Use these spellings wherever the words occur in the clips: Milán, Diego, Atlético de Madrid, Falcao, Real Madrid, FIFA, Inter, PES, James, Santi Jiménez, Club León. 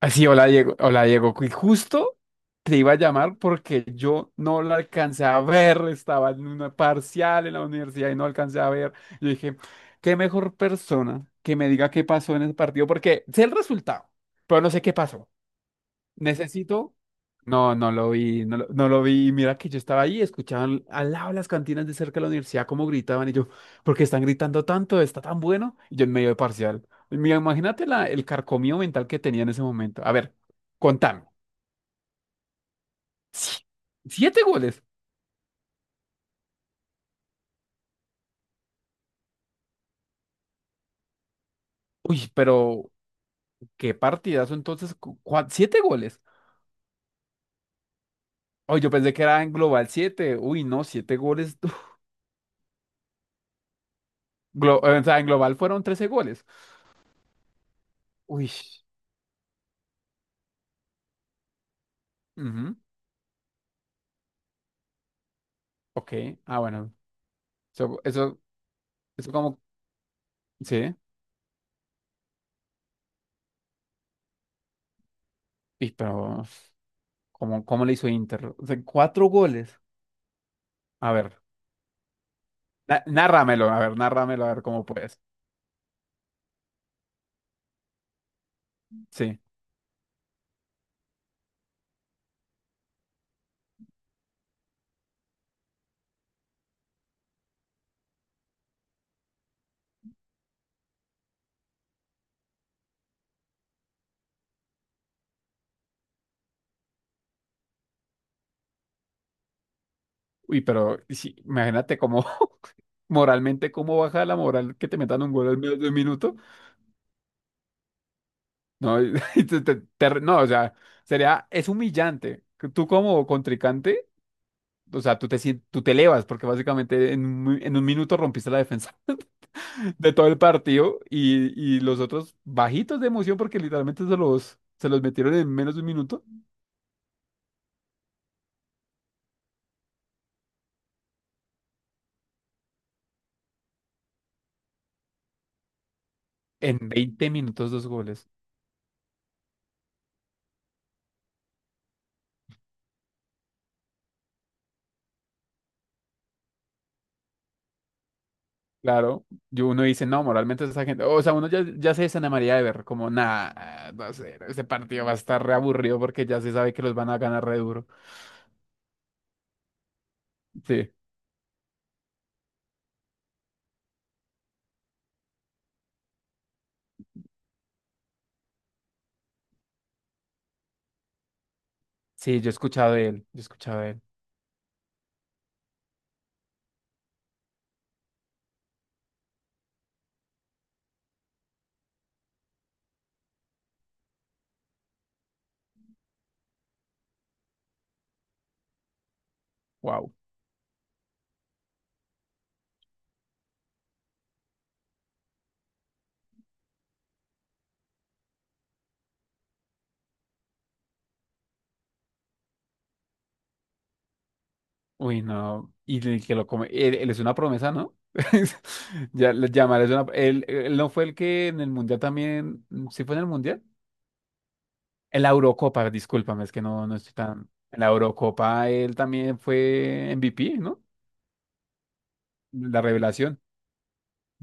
Así, hola Diego, y justo te iba a llamar porque yo no la alcancé a ver, estaba en una parcial en la universidad y no alcancé a ver. Yo dije, qué mejor persona que me diga qué pasó en ese partido, porque sé el resultado, pero no sé qué pasó. Necesito No, no lo vi, no lo vi. Y mira que yo estaba ahí, escuchaban al lado de las cantinas de cerca de la universidad cómo gritaban y yo, ¿por qué están gritando tanto? ¿Está tan bueno? Y yo en medio de parcial. Mira, imagínate el carcomido mental que tenía en ese momento. A ver, contame. Sí, siete goles. Uy, pero qué partidazo entonces. Siete goles. Uy, yo pensé que era en global siete. Uy, no, siete goles. O sea, en global fueron 13 goles. Uy. Ujú. Ok. Ah, bueno. Eso, eso, eso como. Sí. Y, pero, ¿cómo, cómo le hizo Inter? O sea, cuatro goles. A ver, nárramelo, a ver, nárramelo, a ver cómo puedes. Sí. Uy, pero sí, imagínate cómo, moralmente, cómo baja la moral que te metan un gol al menos de un minuto. No, no, o sea, sería, es humillante. Que Tú como contrincante, o sea, tú te elevas porque básicamente en un minuto rompiste la defensa de todo el partido y los otros bajitos de emoción porque literalmente se los metieron en menos de un minuto. En 20 minutos, dos goles. Claro, yo uno dice, no, moralmente esa gente, o sea, uno ya, ya se desanamaría de ver como, nada, no sé, ese partido va a estar re aburrido porque ya se sabe que los van a ganar re duro. Sí, sí, yo he escuchado de él, yo he escuchado de él. Wow. Uy, no, y el que lo come, él es una promesa, ¿no? Llamar es una, él no fue el que en el Mundial también, ¿sí fue en el Mundial? En la Eurocopa, discúlpame, es que no, no estoy tan, en la Eurocopa él también fue MVP, ¿no? La revelación.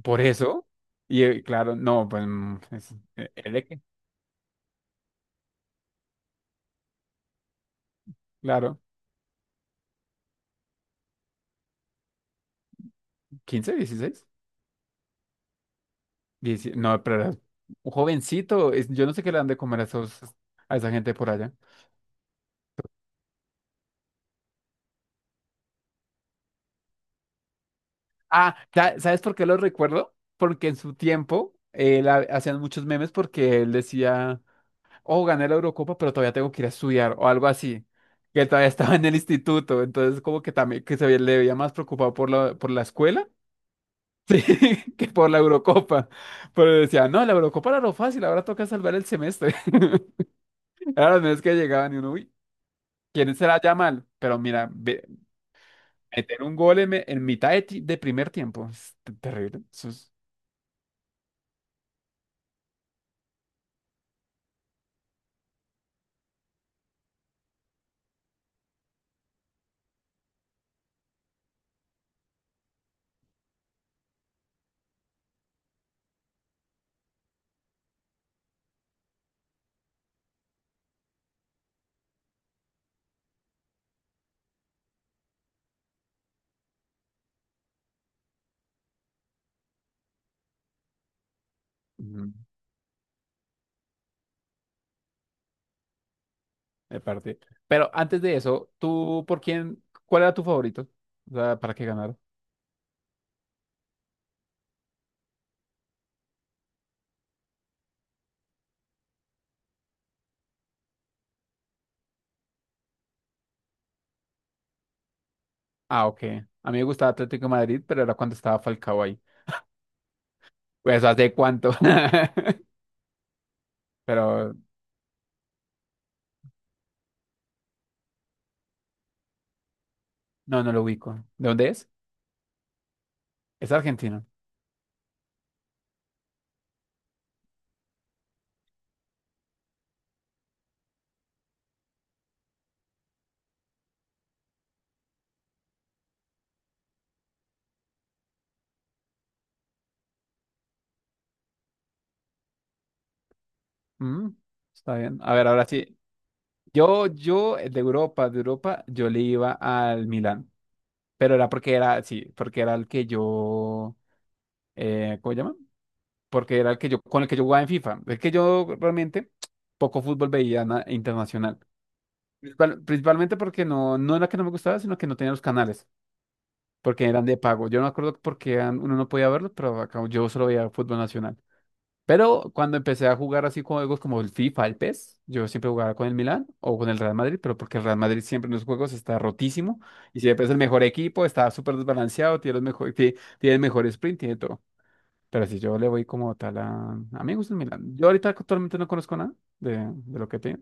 Por eso, y claro, no, pues es, ¿el de qué? Claro, 15 16 17, no, pero era un jovencito, yo no sé qué le dan de comer a esos, a esa gente por allá. Ah, ¿sabes por qué lo recuerdo? Porque en su tiempo él hacían muchos memes porque él decía, oh, gané la Eurocopa, pero todavía tengo que ir a estudiar o algo así. Que él todavía estaba en el instituto, entonces como que también que le veía más preocupado por la escuela. Sí, que por la Eurocopa. Pero decía, no, la Eurocopa era lo fácil, ahora toca salvar el semestre. Era las veces que llegaban y uno, uy, ¿quién será ya mal? Pero mira, meter un gol en mitad de, de primer tiempo es terrible. Eso es mm, de parte. Pero antes de eso, ¿tú por quién? ¿Cuál era tu favorito? O sea, ¿para qué ganar? Ah, ok. A mí me gustaba Atlético de Madrid, pero era cuando estaba Falcao ahí. Pues, ¿hace cuánto? Pero no, no lo ubico. ¿De dónde es? Es argentino. Mm, está bien. A ver, ahora sí. Yo, de Europa, yo le iba al Milán. Pero era porque era, sí, porque era el que yo, ¿cómo se llama? Porque era el que yo, con el que yo jugaba en FIFA. Es que yo realmente poco fútbol veía internacional. Principalmente porque no, no era que no me gustaba, sino que no tenía los canales, porque eran de pago. Yo no me acuerdo por qué uno no podía verlos, pero acá yo solo veía fútbol nacional. Pero cuando empecé a jugar así con juegos como el FIFA, el PES, yo siempre jugaba con el Milán o con el Real Madrid, pero porque el Real Madrid siempre en los juegos está rotísimo y siempre es el mejor equipo, está súper desbalanceado, tiene, los mejor, tiene, el mejor sprint, tiene todo. Pero si yo le voy como tal a... A mí me gusta el Milán. Yo ahorita actualmente no conozco nada de lo que tiene.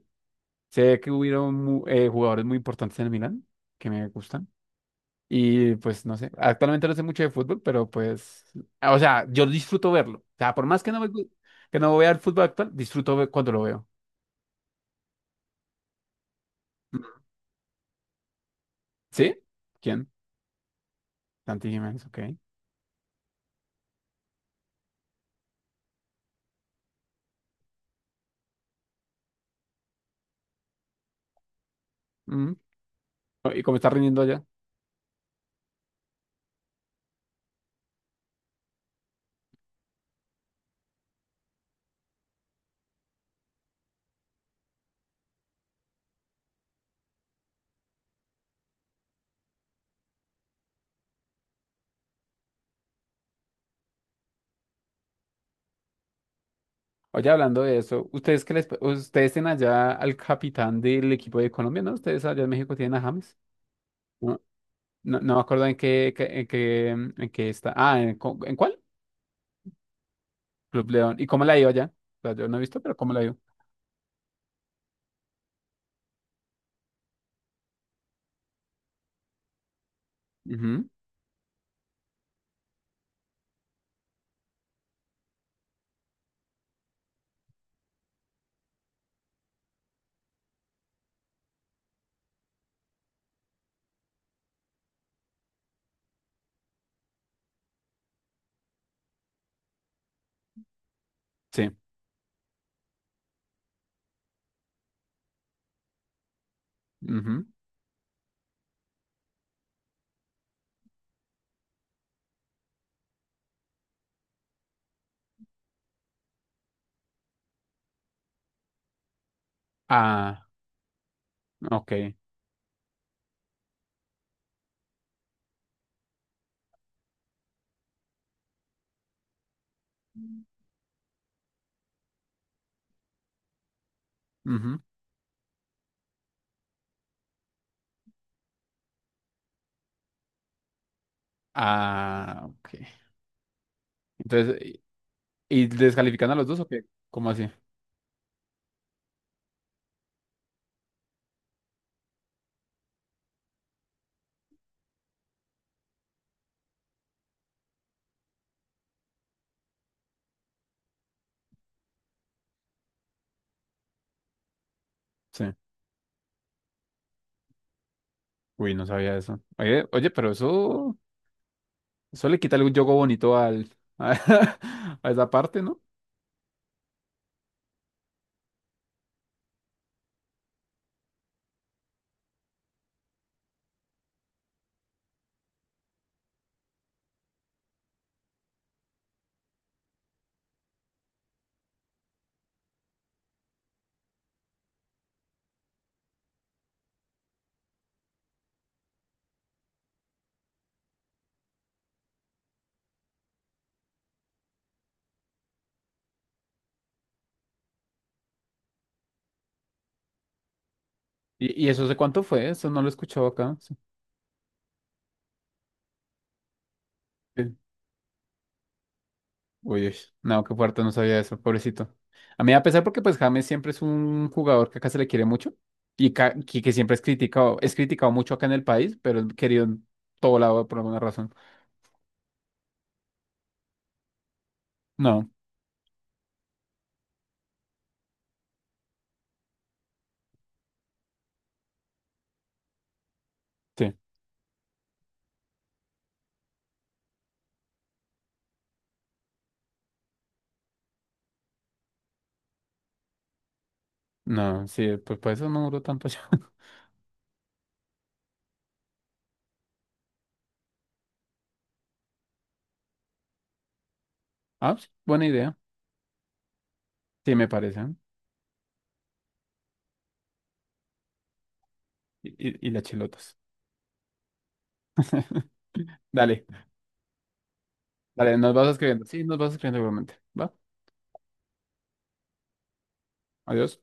Sé que hubieron jugadores muy importantes en el Milán que me gustan. Y pues no sé, actualmente no sé mucho de fútbol, pero pues, ah, o sea, yo disfruto verlo. O sea, por más que que no vea el fútbol actual, disfruto cuando lo veo. ¿Sí? ¿Quién? Santi Jiménez, ok. Mm. Oh, ¿y cómo está rindiendo allá? Oye, hablando de eso, ¿ustedes qué les, ustedes tienen allá al capitán del equipo de Colombia, ¿no? Ustedes allá en México tienen a James. No, no, no me acuerdo en qué, en qué está. Ah, en cuál? Club León. ¿Y cómo la ha ido allá? O sea, yo no he visto, pero ¿cómo la ha ido? Ujú. Sí. Ujú. Ah, ok. Ujú. Ah, ok. Entonces, ¿y descalifican a los dos o qué? ¿Cómo así? Sí. Uy, no sabía eso. Oye, oye, pero eso le quita algún yogo bonito al, a, esa parte, ¿no? ¿Y eso sé cuánto fue? Eso no lo he escuchado acá. Sí. Sí. Uy, uy, no, qué fuerte, no sabía eso, pobrecito. A mí, a pesar porque pues James siempre es un jugador que acá se le quiere mucho y que siempre es criticado mucho acá en el país, pero es querido en todo lado por alguna razón. No. Sí. No, sí, pues por eso no duró tanto ya. Ah, sí, buena idea. Sí, me parece. ¿Eh? Y las chilotas. Dale, dale, nos vas escribiendo. Sí, nos vas escribiendo igualmente. Va, adiós.